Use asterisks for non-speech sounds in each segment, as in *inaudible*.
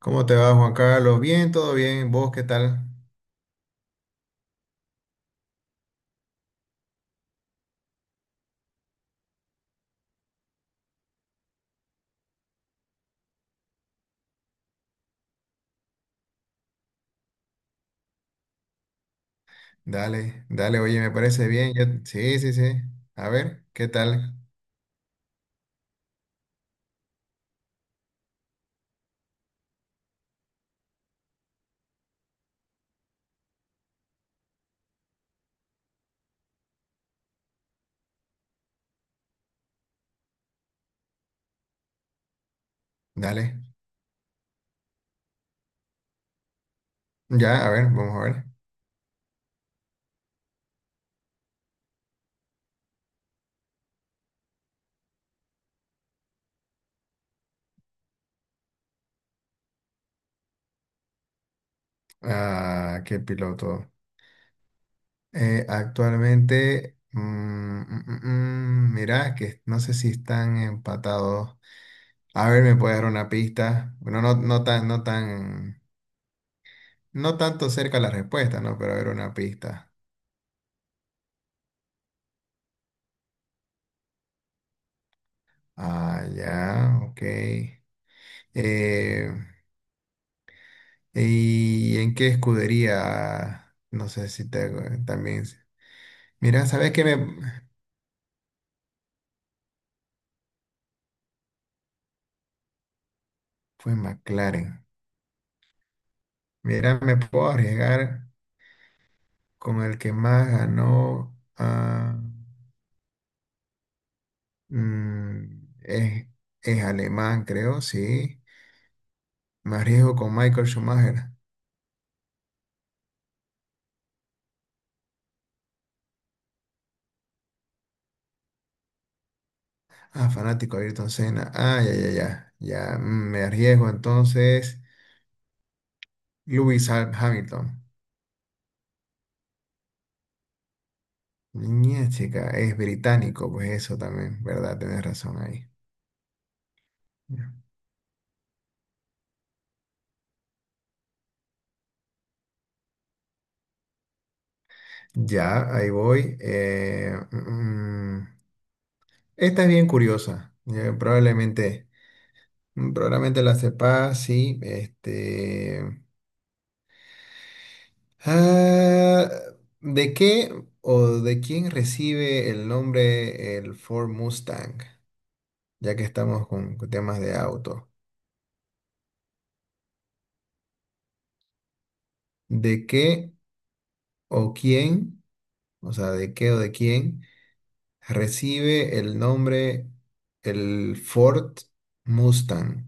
¿Cómo te va, Juan Carlos? Bien, todo bien. ¿Vos qué tal? Dale, dale, oye, me parece bien. Sí, sí, sí. A ver, ¿qué tal? Dale. Ya, a ver, vamos a ver. Ah, qué piloto. Actualmente, mirá, que no sé si están empatados. A ver, ¿me puede dar una pista? Bueno, no, no tanto cerca la respuesta, ¿no? Pero a ver, una pista. Ah, ya, ok. Eh, ¿Y en qué escudería? No sé si te, también. Mira, ¿sabes qué me fue McLaren? Mira, me puedo arriesgar con el que más ganó. Mm, es, es alemán, creo, sí. Me arriesgo con Michael Schumacher. Ah, fanático de Ayrton Senna. Ah, ya, ya, ya. Ya, me arriesgo entonces. Lewis Hamilton. Niña, chica, es británico, pues eso también, ¿verdad? Tienes razón ahí. Ya, ahí voy. Esta es bien curiosa. Probablemente la sepas, sí. Ah, ¿De qué o de quién recibe el nombre el Ford Mustang? Ya que estamos con temas de auto. ¿De qué o quién, o sea, de qué o de quién recibe el nombre el Ford Mustang?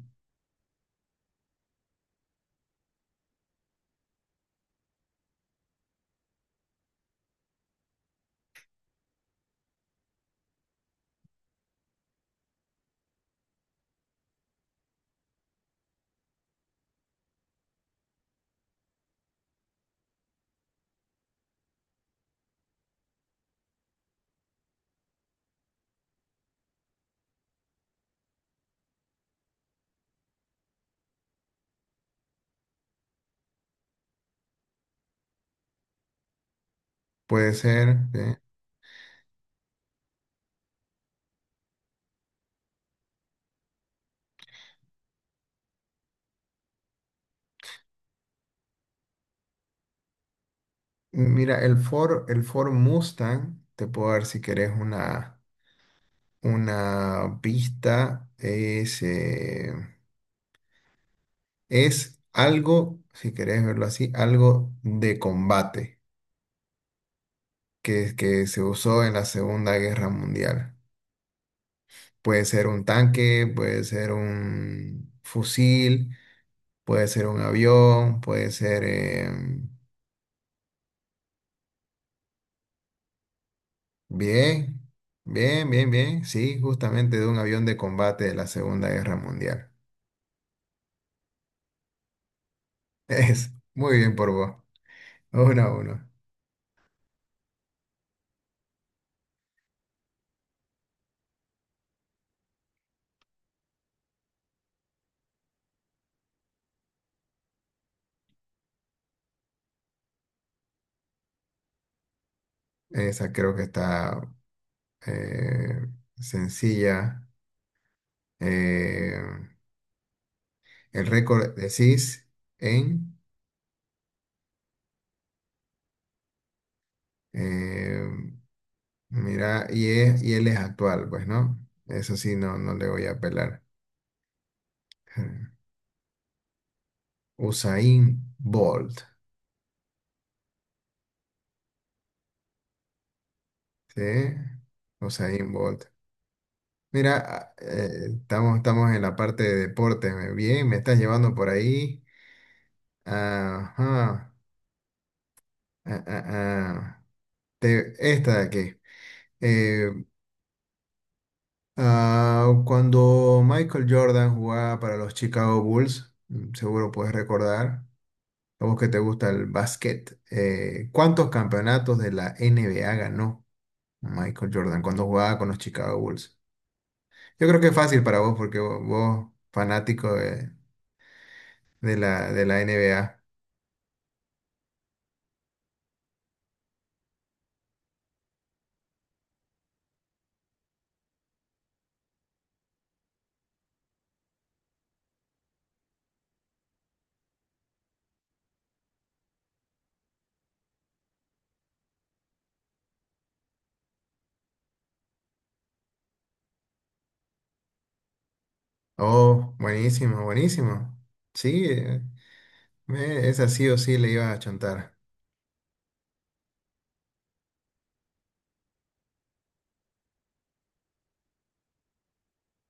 Puede ser. ¿Sí? Mira, el Ford Mustang, te puedo dar si querés una pista, es algo, si querés verlo así, algo de combate que se usó en la Segunda Guerra Mundial. Puede ser un tanque, puede ser un fusil, puede ser un avión, bien, bien, bien, bien, sí, justamente de un avión de combate de la Segunda Guerra Mundial. Es muy bien por vos. Uno a uno. Esa creo que está eh, sencilla. Eh, el récord decís en. eh, Mira, y él es actual, pues, ¿no? Eso sí, no, no le voy a apelar. *laughs* Usain Bolt. ¿Sí? Usain Bolt. Mira, estamos en la parte de deporte. Bien, me estás llevando por ahí. Ajá. Ah, ah, ah. Esta de aquí. Eh, Cuando Michael Jordan jugaba para los Chicago Bulls, seguro puedes recordar, a vos que te gusta el básquet, ¿cuántos campeonatos de la NBA ganó Michael Jordan cuando jugaba con los Chicago Bulls? Yo creo que es fácil para vos porque vos, fanático de la NBA. Oh, buenísimo, buenísimo. Sí, esa sí o sí le iba a chontar.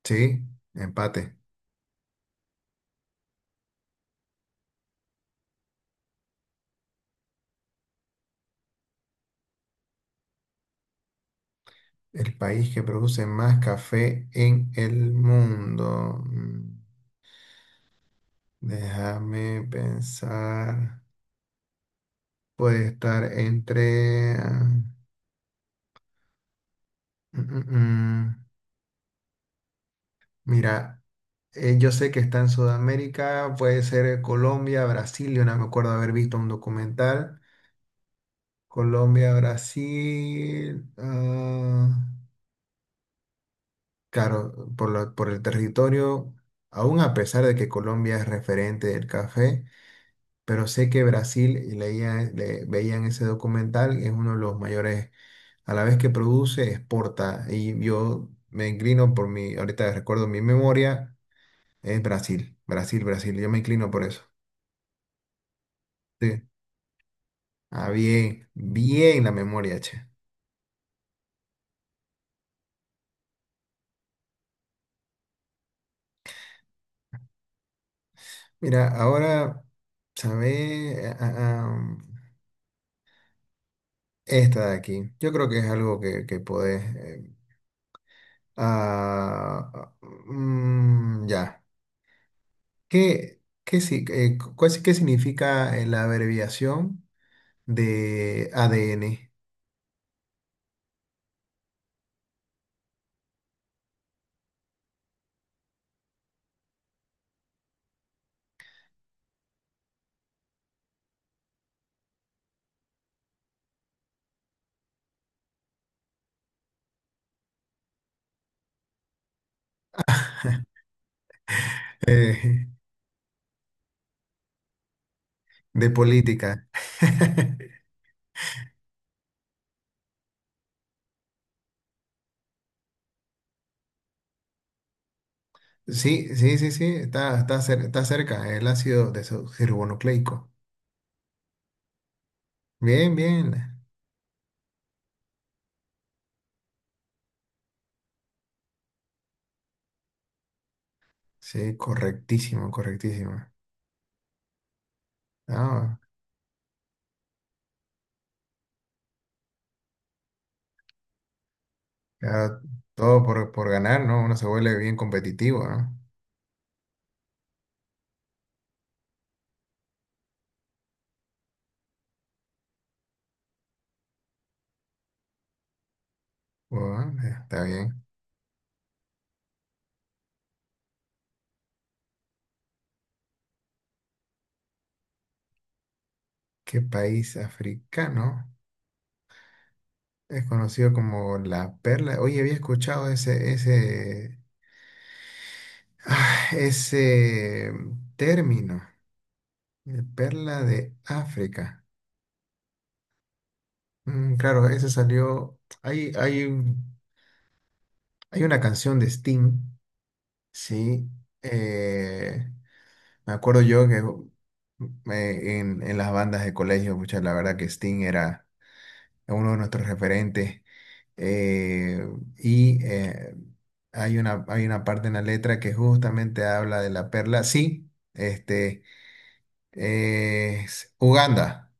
Sí, empate. El país que produce más café en el mundo. Déjame pensar. Puede estar entre. Mm, mm, mm. Mira, yo sé que está en Sudamérica, puede ser Colombia, Brasil. Yo no me acuerdo haber visto un documental. Colombia, Brasil. Claro, por el territorio, aún a pesar de que Colombia es referente del café. Pero sé que Brasil, y veía en ese documental, es uno de los mayores, a la vez que produce, exporta. Y yo me inclino por mi, ahorita recuerdo mi memoria, es Brasil, Brasil, Brasil. Yo me inclino por eso. Sí. Ah, bien, bien la memoria, che. Mira, ahora, ¿sabes? Esta de aquí. Yo creo que es algo que podés. Ah, ah, ya. ¿Qué, qué, si- cu- cuál- si, qué significa la abreviación de ADN? Eh, de política. *laughs* Sí, sí, sí, sí, está cerca, el ácido desoxirribonucleico. Bien, bien. Sí, correctísimo, correctísimo. Ah, ya todo por ganar, ¿no? Uno se vuelve bien competitivo, ¿no? Bueno, está bien. ¿Qué país africano? Es conocido como la perla. Oye, había escuchado ese término, perla de África. Claro, ese salió. Hay una canción de Sting, sí. eh, Me acuerdo yo que en las bandas de colegio, pucha, la verdad que Sting era uno de nuestros referentes. eh, y hay una parte en la letra que justamente habla de la perla. Sí, es Uganda.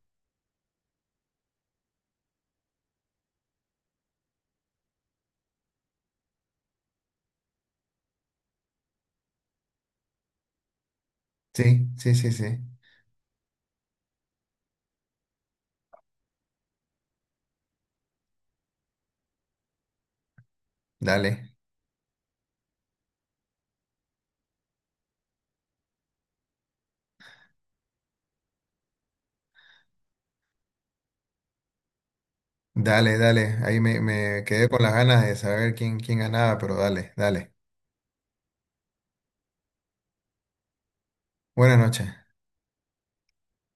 Sí, sí, sí, sí. Dale, dale, dale. Ahí me quedé con las ganas de saber quién ganaba, pero dale, dale. Buenas noches.